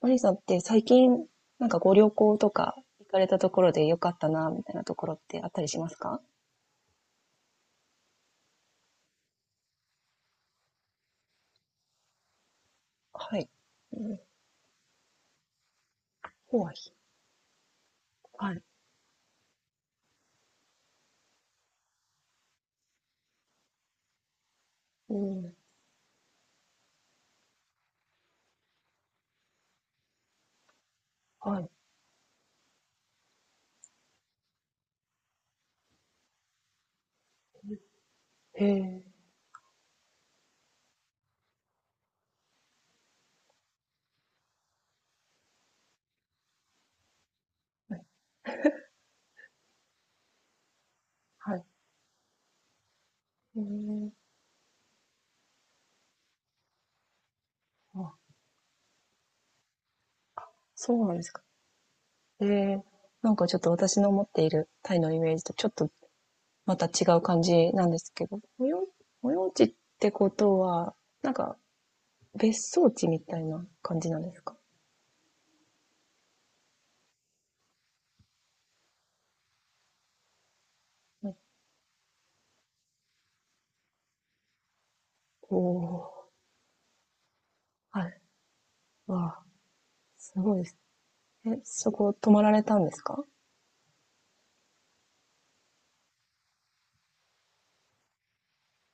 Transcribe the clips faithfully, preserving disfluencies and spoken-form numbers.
マリーさんって最近、なんかご旅行とか行かれたところで良かったな、みたいなところってあったりしますか？はい。ホワイ。はい。うん。はい。へえ。はい。へー。あ、そうなんですか。へえー、なんかちょっと私の持っているタイのイメージとちょっとまた違う感じなんですけど、保養、保養地ってことは、なんか別荘地みたいな感じなんですか？はい。おー、はい。わあ、すごいです。え、そこ泊まられたんですか？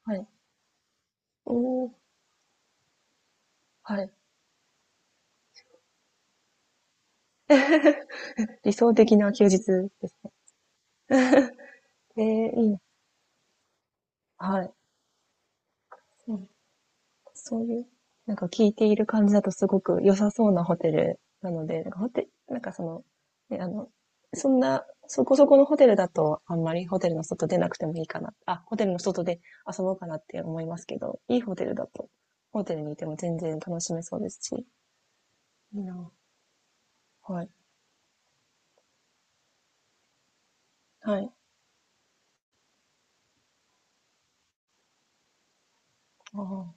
はい。おお、はい。理想的な休日ですね。ええ、いいな。はい。そう、そういう、なんか聞いている感じだとすごく良さそうなホテルなので、なんかホテなんかその、ね、あの、そんな、そこそこのホテルだと、あんまりホテルの外出なくてもいいかな。あ、ホテルの外で遊ぼうかなって思いますけど、いいホテルだと、ホテルにいても全然楽しめそうですし、いいな。はい。はい。ああ、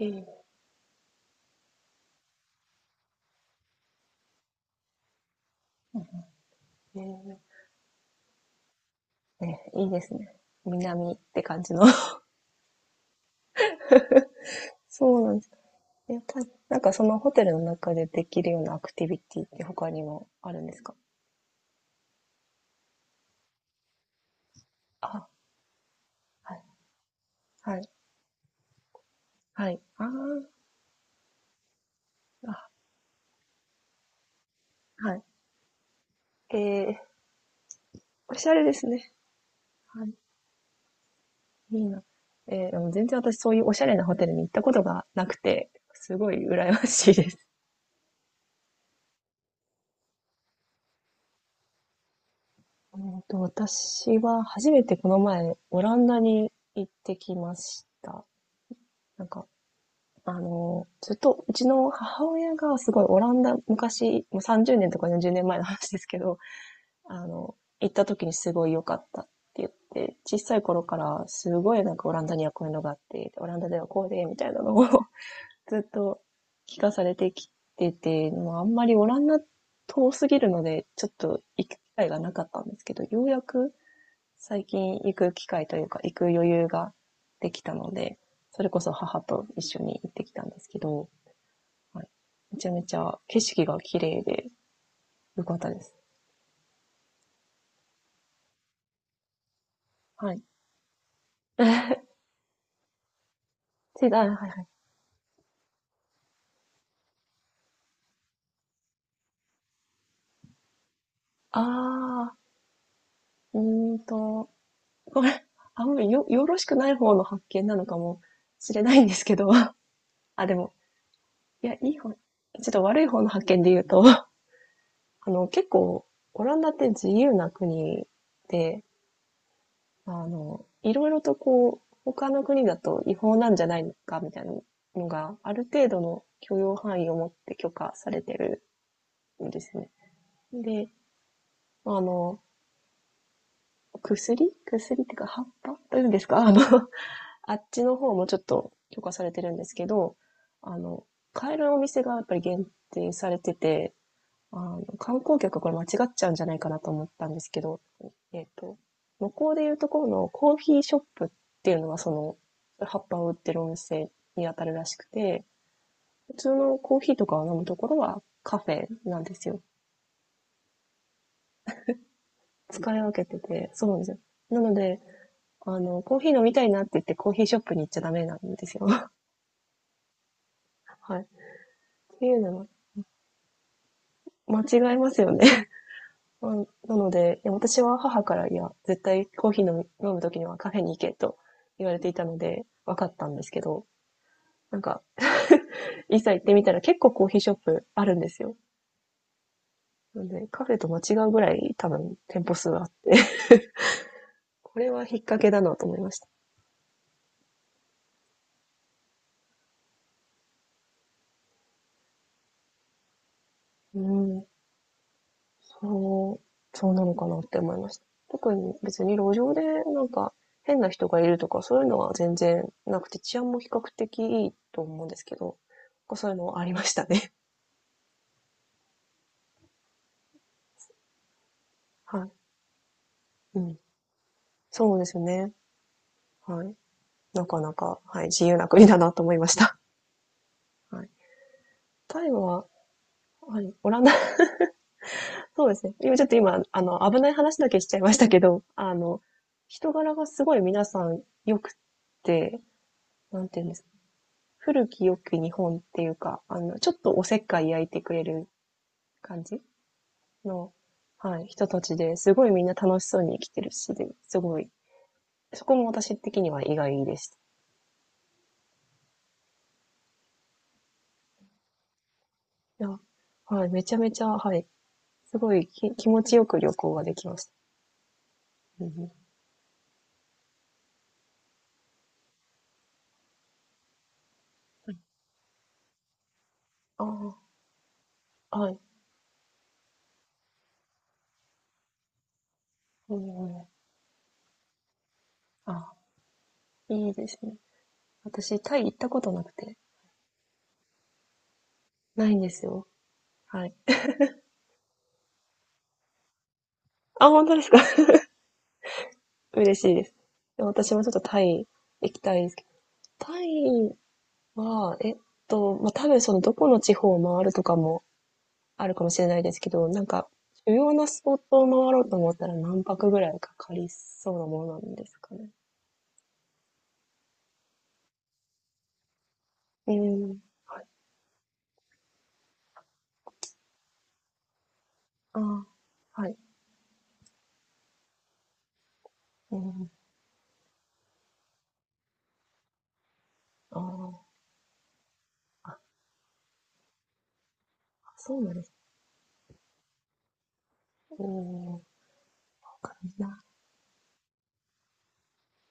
ええ、うん、ええ、ね、いいですね。南って感じの。そうなんですか。やっぱ、なんかそのホテルの中でできるようなアクティビティって他にもあるんですか？あ、はい、はい、はい。あー。あ、はい。えー、おしゃれですね。はい、いいな。えー、でも全然私そういうおしゃれなホテルに行ったことがなくて、すごい羨ましいです。えーと、私は初めてこの前、オランダに行ってきました。なんか、あの、ずっとうちの母親がすごいオランダ、昔、もうさんじゅうねんとかよんじゅうねんまえの話ですけど、あの、行った時にすごい良かったって言って、小さい頃からすごいなんかオランダにはこういうのがあって、オランダではこうで、みたいなのを ずっと聞かされてきてて、もうあんまりオランダ遠すぎるので、ちょっと行く機会がなかったんですけど、ようやく最近行く機会というか、行く余裕ができたので、それこそ母と一緒に行ってきたんですけど、はい。めちゃめちゃ景色が綺麗で良かったです。はい。違う、はい。あー、うーんと、これ、あんまりよ、よろしくない方の発見なのかもしれないんですけど、あ、でも、いや、いい方、ちょっと悪い方の発見で言うと、あの、結構、オランダって自由な国で、あの、いろいろとこう、他の国だと違法なんじゃないのか、みたいなのが、ある程度の許容範囲を持って許可されてるんですね。で、あの、薬薬っていうか葉っぱというんですかあの、あっちの方もちょっと許可されてるんですけど、あの、買えるお店がやっぱり限定されてて、あの、観光客はこれ間違っちゃうんじゃないかなと思ったんですけど、えっと、向こうでいうところのコーヒーショップっていうのはその、葉っぱを売ってるお店に当たるらしくて、普通のコーヒーとかを飲むところはカフェなんですよ。使い分けてて、そうなんですよ。なので、あの、コーヒー飲みたいなって言ってコーヒーショップに行っちゃダメなんですよ。はい。っていうのは間違えますよね。まあなので、いや私は母から、いや、絶対コーヒー飲み飲む時にはカフェに行けと言われていたので、分かったんですけど、なんか、いざ行ってみたら結構コーヒーショップあるんですよ。なので、カフェと間違うぐらい多分店舗数あって、これは引っ掛けだなと思いました。うん。そう、そうなのかなって思いました。特に別に路上でなんか変な人がいるとかそういうのは全然なくて治安も比較的いいと思うんですけど、そういうのはありましたね。はい。うん。そうですね。はい。なかなか、はい、自由な国だなと思いました。はい。タイは、はい、オランダ、そうですね。今ちょっと今、あの、危ない話だけしちゃいましたけど、あの、人柄がすごい皆さん良くて、なんていうんですかね、古き良き日本っていうか、あの、ちょっとおせっかい焼いてくれる感じの、はい、人たちですごいみんな楽しそうに生きてるし、で、すごい、そこも私的には意外でした。いや、はい、めちゃめちゃ、はい、すごいき気持ちよく旅行ができました。うん。ああ、はい、うんうん、あ、いいですね。私、タイ行ったことなくて、ないんですよ。はい。あ、本当ですか？ 嬉しいです。でも私もちょっとタイ行きたいですけど、タイは、えっと、まあ、多分そのどこの地方を回るとかもあるかもしれないですけど、なんか、主要なスポットを回ろうと思ったら何泊ぐらいかかりそうなものなんですかね？うん、はい。ああ、はい。うん、ああ、そうなんです。うん、わかりました。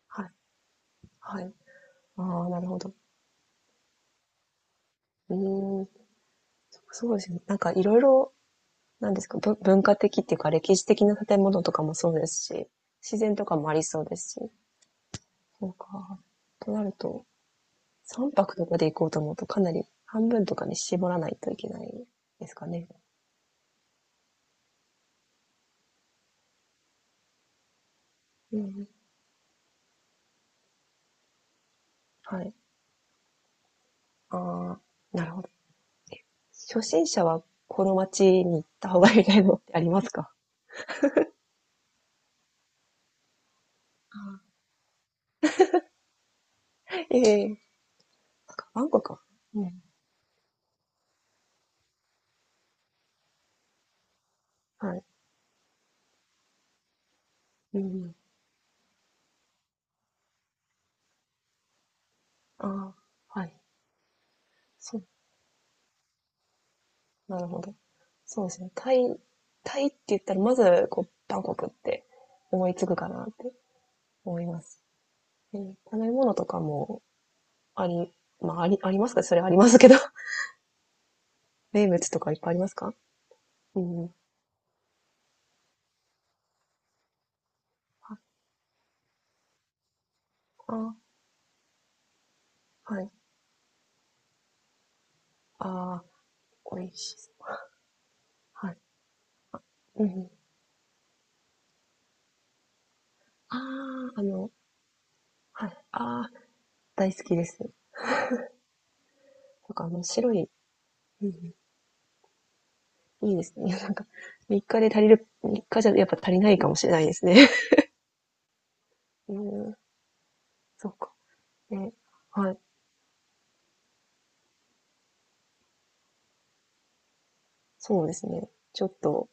はい、はい。ああ、なるほど。うん、そそうですね。なんか色々、なんですか、ぶ文化的っていうか歴史的な建物とかもそうですし、自然とかもありそうですし、そうか。となると三泊とかで行こうと思うとかなり半分とかに絞らないといけないですかね。うん。はい。ああ、なるほど。初心者はこの街に行った方がいいみたいなのってありますか？ ええー。なんかバンコクは、うん。はい。うん。ああ、はい。そう。なるほど。そうですね。タイ、タイって言ったら、まず、こう、バンコクって思いつくかなって思います。うん。食べ物とかもあり、まあ、あり、ありますか、それありますけど。名物とかいっぱいありますか？うん。ああ、はい。ああ、美味しそう。はい。うん。ああ、あの、はい。ああ、大好きです。なんかあの白い、うん、いいですね。いやなんか、みっかで足りる、みっかじゃやっぱ足りないかもしれないですね。うーん、そうか。ね、はい、そうですね。ちょっと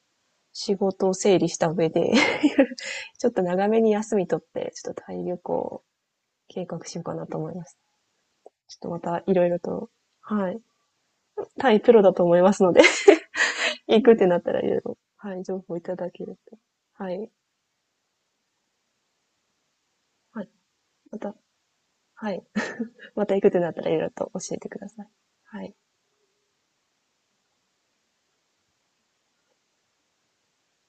仕事を整理した上で ちょっと長めに休み取って、ちょっとタイ旅行を計画しようかなと思います。ちょっとまたいろいろと、はい。単位プロだと思いますので、行くってなったらいろいろ、はい、情報いただけると。はい。はい。また、はい。また行くってなったらいろいろと教えてください。はい。